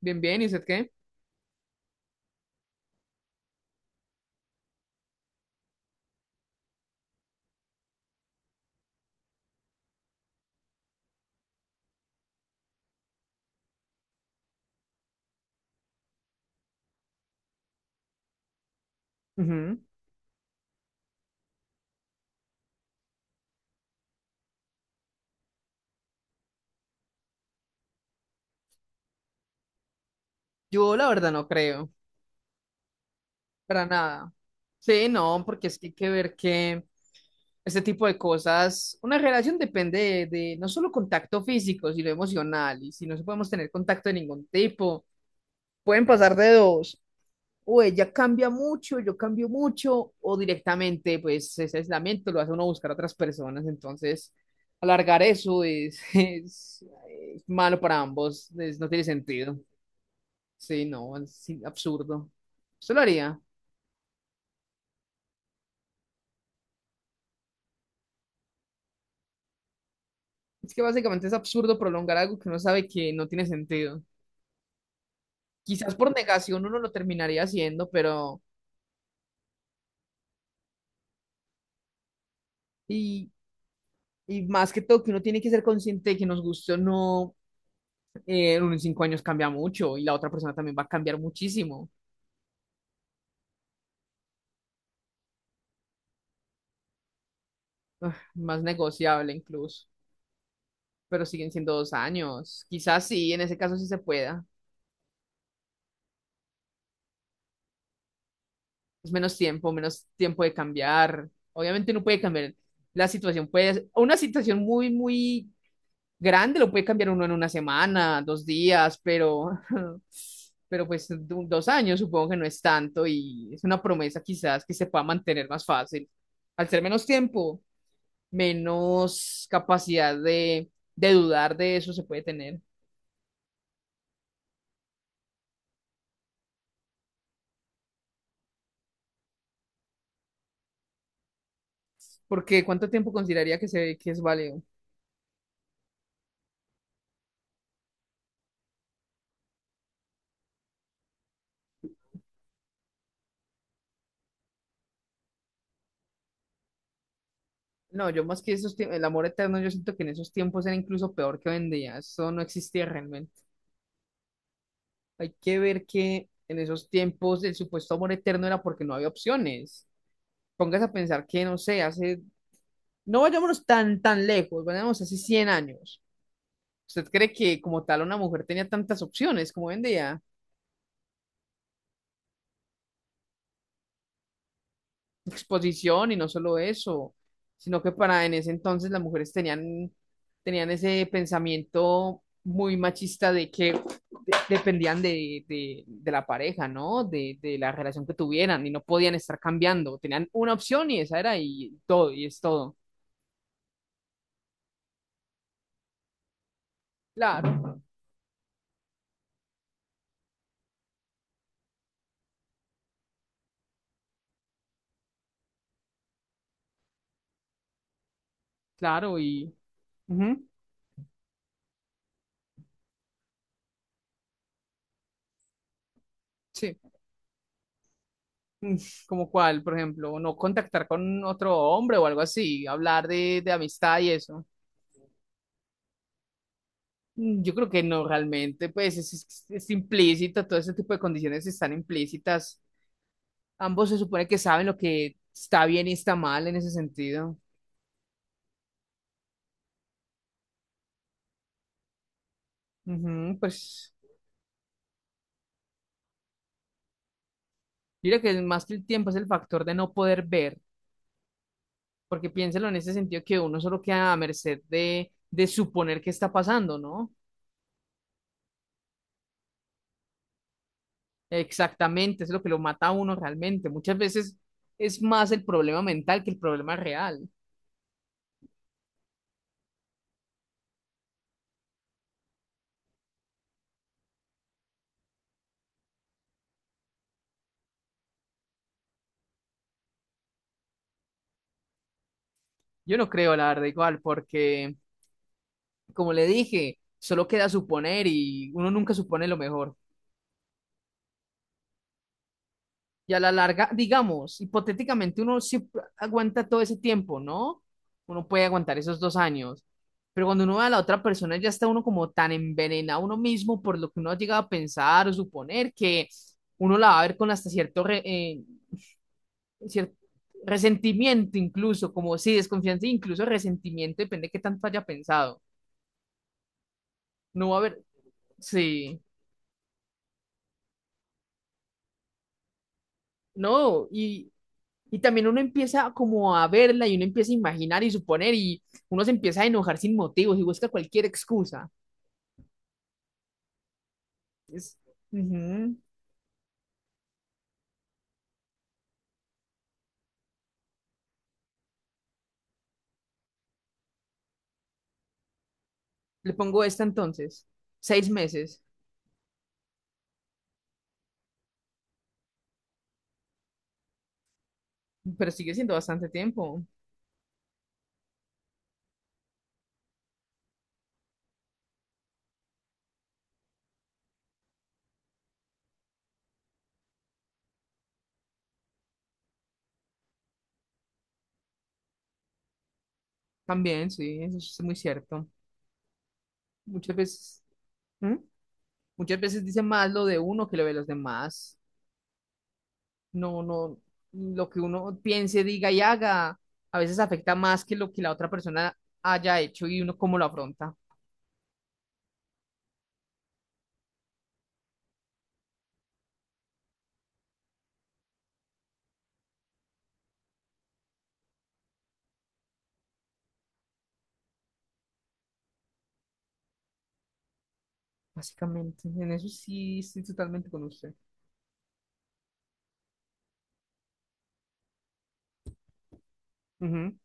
Bien, bien, ¿y usted qué? Yo la verdad no creo, para nada. Sí, no, porque es que hay que ver que este tipo de cosas, una relación depende de no solo contacto físico, sino emocional, y si no podemos tener contacto de ningún tipo, pueden pasar de dos, o ella cambia mucho, yo cambio mucho, o directamente, pues ese aislamiento lo hace uno buscar a otras personas, entonces alargar eso es, es malo para ambos, no tiene sentido. Sí, no, es sí, absurdo. Usted lo haría. Es que básicamente es absurdo prolongar algo que uno sabe que no tiene sentido. Quizás por negación uno lo terminaría haciendo, pero. Y, y más que todo, que uno tiene que ser consciente de que nos guste o no, uno en 5 años cambia mucho y la otra persona también va a cambiar muchísimo. Ah, más negociable incluso, pero siguen siendo 2 años. Quizás sí, en ese caso sí se pueda. Es menos tiempo de cambiar. Obviamente no puede cambiar la situación, puede, una situación muy, muy grande lo puede cambiar uno en una semana, 2 días, pero, pero pues 2 años supongo que no es tanto y es una promesa quizás que se pueda mantener más fácil. Al ser menos tiempo, menos capacidad de dudar de eso se puede tener. Porque ¿cuánto tiempo consideraría que es válido? No, yo más que esos tiempos, el amor eterno, yo siento que en esos tiempos era incluso peor que hoy en día. Eso no existía realmente. Hay que ver que en esos tiempos el supuesto amor eterno era porque no había opciones. Póngase a pensar que, no sé, hace, no vayámonos tan, tan lejos, vayamos hace 100 años. ¿Usted cree que como tal una mujer tenía tantas opciones como hoy en día? Exposición y no solo eso, sino que para en ese entonces las mujeres tenían ese pensamiento muy machista de que dependían de la pareja, ¿no? De la relación que tuvieran y no podían estar cambiando. Tenían una opción y esa era y todo, y es todo. Claro, claro, y. Ujú, sí. Mm, ¿Como cuál, por ejemplo? No contactar con otro hombre o algo así, hablar de amistad y eso. Yo creo que no realmente, pues es implícito, todo ese tipo de condiciones están implícitas. Ambos se supone que saben lo que está bien y está mal en ese sentido. Ujú, pues mira que más que el tiempo es el factor de no poder ver, porque piénselo en ese sentido que uno solo queda a merced de suponer qué está pasando, ¿no? Exactamente, es lo que lo mata a uno realmente. Muchas veces es más el problema mental que el problema real. Yo no creo, la verdad, igual, porque como le dije, solo queda suponer y uno nunca supone lo mejor. Y a la larga, digamos, hipotéticamente uno siempre aguanta todo ese tiempo, ¿no? Uno puede aguantar esos 2 años, pero cuando uno ve a la otra persona ya está uno como tan envenenado uno mismo por lo que uno ha llegado a pensar o suponer que uno la va a ver con hasta cierto, cier- resentimiento incluso, como sí, desconfianza, e incluso resentimiento, depende de qué tanto haya pensado. No va a haber, sí. No, y también uno empieza como a verla y uno empieza a imaginar y suponer y uno se empieza a enojar sin motivos y busca cualquier excusa. Es- Ujú. Le pongo esta entonces, 6 meses, pero sigue siendo bastante tiempo. También, sí, eso es muy cierto. Muchas veces, ¿Mm? Muchas veces dice más lo de uno que lo de los demás. No, no, lo que uno piense, diga y haga, a veces afecta más que lo que la otra persona haya hecho y uno cómo lo afronta. Básicamente, en eso sí estoy totalmente con usted. Ujú.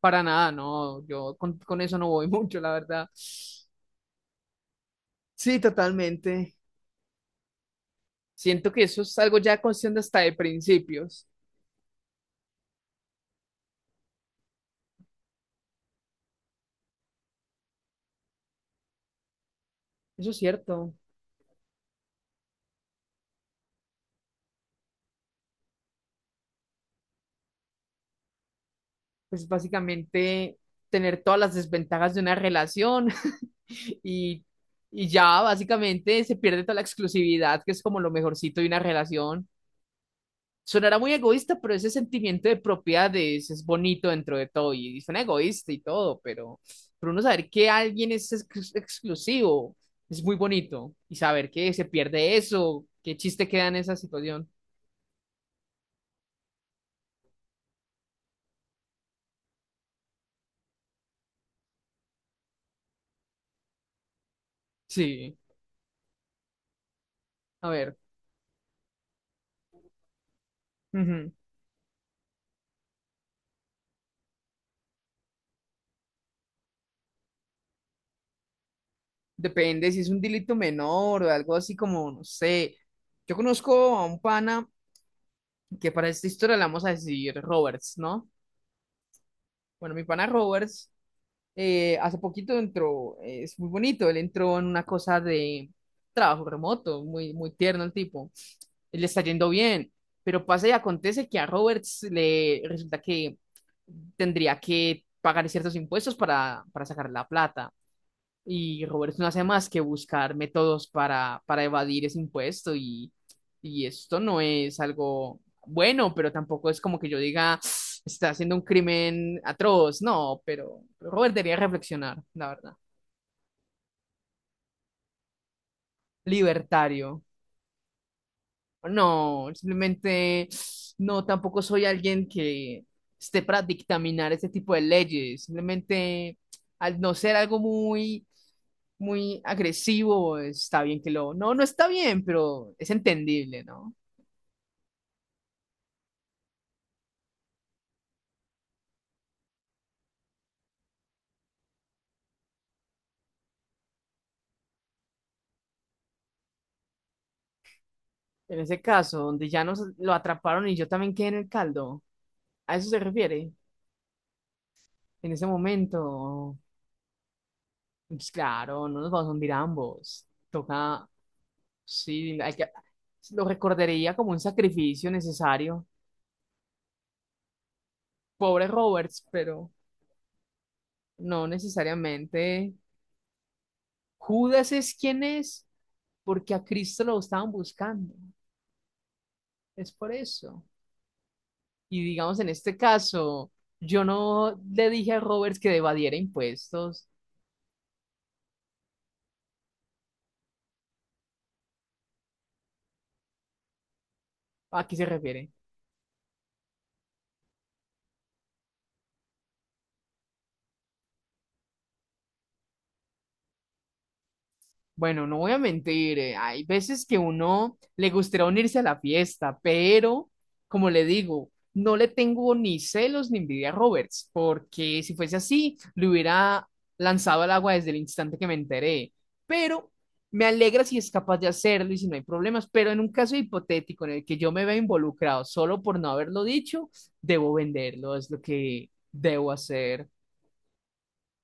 Para nada, no, yo con eso no voy mucho, la verdad. Sí, totalmente. Siento que eso es algo ya cuestión de hasta de principios. Eso es cierto. Pues básicamente tener todas las desventajas de una relación y, y ya básicamente se pierde toda la exclusividad, que es como lo mejorcito de una relación. Sonará muy egoísta, pero ese sentimiento de propiedad es bonito dentro de todo y suena egoísta y todo, pero uno saber que alguien es exclusivo es muy bonito y saber que se pierde eso, qué chiste queda en esa situación. Sí, a ver, ujú. Depende si es un delito menor o algo así como, no sé. Yo conozco a un pana que para esta historia le vamos a decir Roberts, ¿no? Bueno, mi pana Roberts hace poquito entró, es muy bonito, él entró en una cosa de trabajo remoto, muy, muy tierno el tipo, él le está yendo bien, pero pasa y acontece que a Roberts le resulta que tendría que pagar ciertos impuestos para sacar la plata. Y Roberto no hace más que buscar métodos para evadir ese impuesto y esto no es algo bueno, pero tampoco es como que yo diga, "Ah, está haciendo un crimen atroz, no, pero Robert debería reflexionar, la verdad. Libertario. No, simplemente no, tampoco soy alguien que esté para dictaminar este tipo de leyes. Simplemente al no ser algo muy, muy agresivo, está bien que lo. No, no está bien, pero es entendible, ¿no? En ese caso, donde ya nos lo atraparon y yo también quedé en el caldo, ¿a eso se refiere? En ese momento, pues claro, no nos vamos a hundir ambos. Toca, sí, hay que, lo recordaría como un sacrificio necesario. Pobre Roberts, pero no necesariamente. Judas es quien es, porque a Cristo lo estaban buscando. Es por eso. Y digamos, en este caso, yo no le dije a Roberts que evadiera impuestos. ¿A qué se refiere? Bueno, no voy a mentir, hay veces que uno le gustaría unirse a la fiesta, pero como le digo, no le tengo ni celos ni envidia a Roberts, porque si fuese así, le hubiera lanzado al agua desde el instante que me enteré. Pero me alegra si es capaz de hacerlo y si no hay problemas, pero en un caso hipotético en el que yo me vea involucrado solo por no haberlo dicho, debo venderlo, es lo que debo hacer.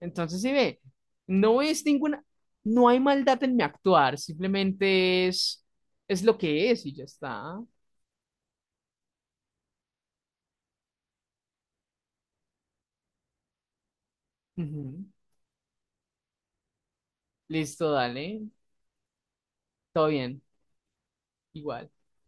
Entonces, si ve, no es ninguna, no hay maldad en mi actuar, simplemente es lo que es y ya está. Ujú. Listo, dale, todo bien, igual.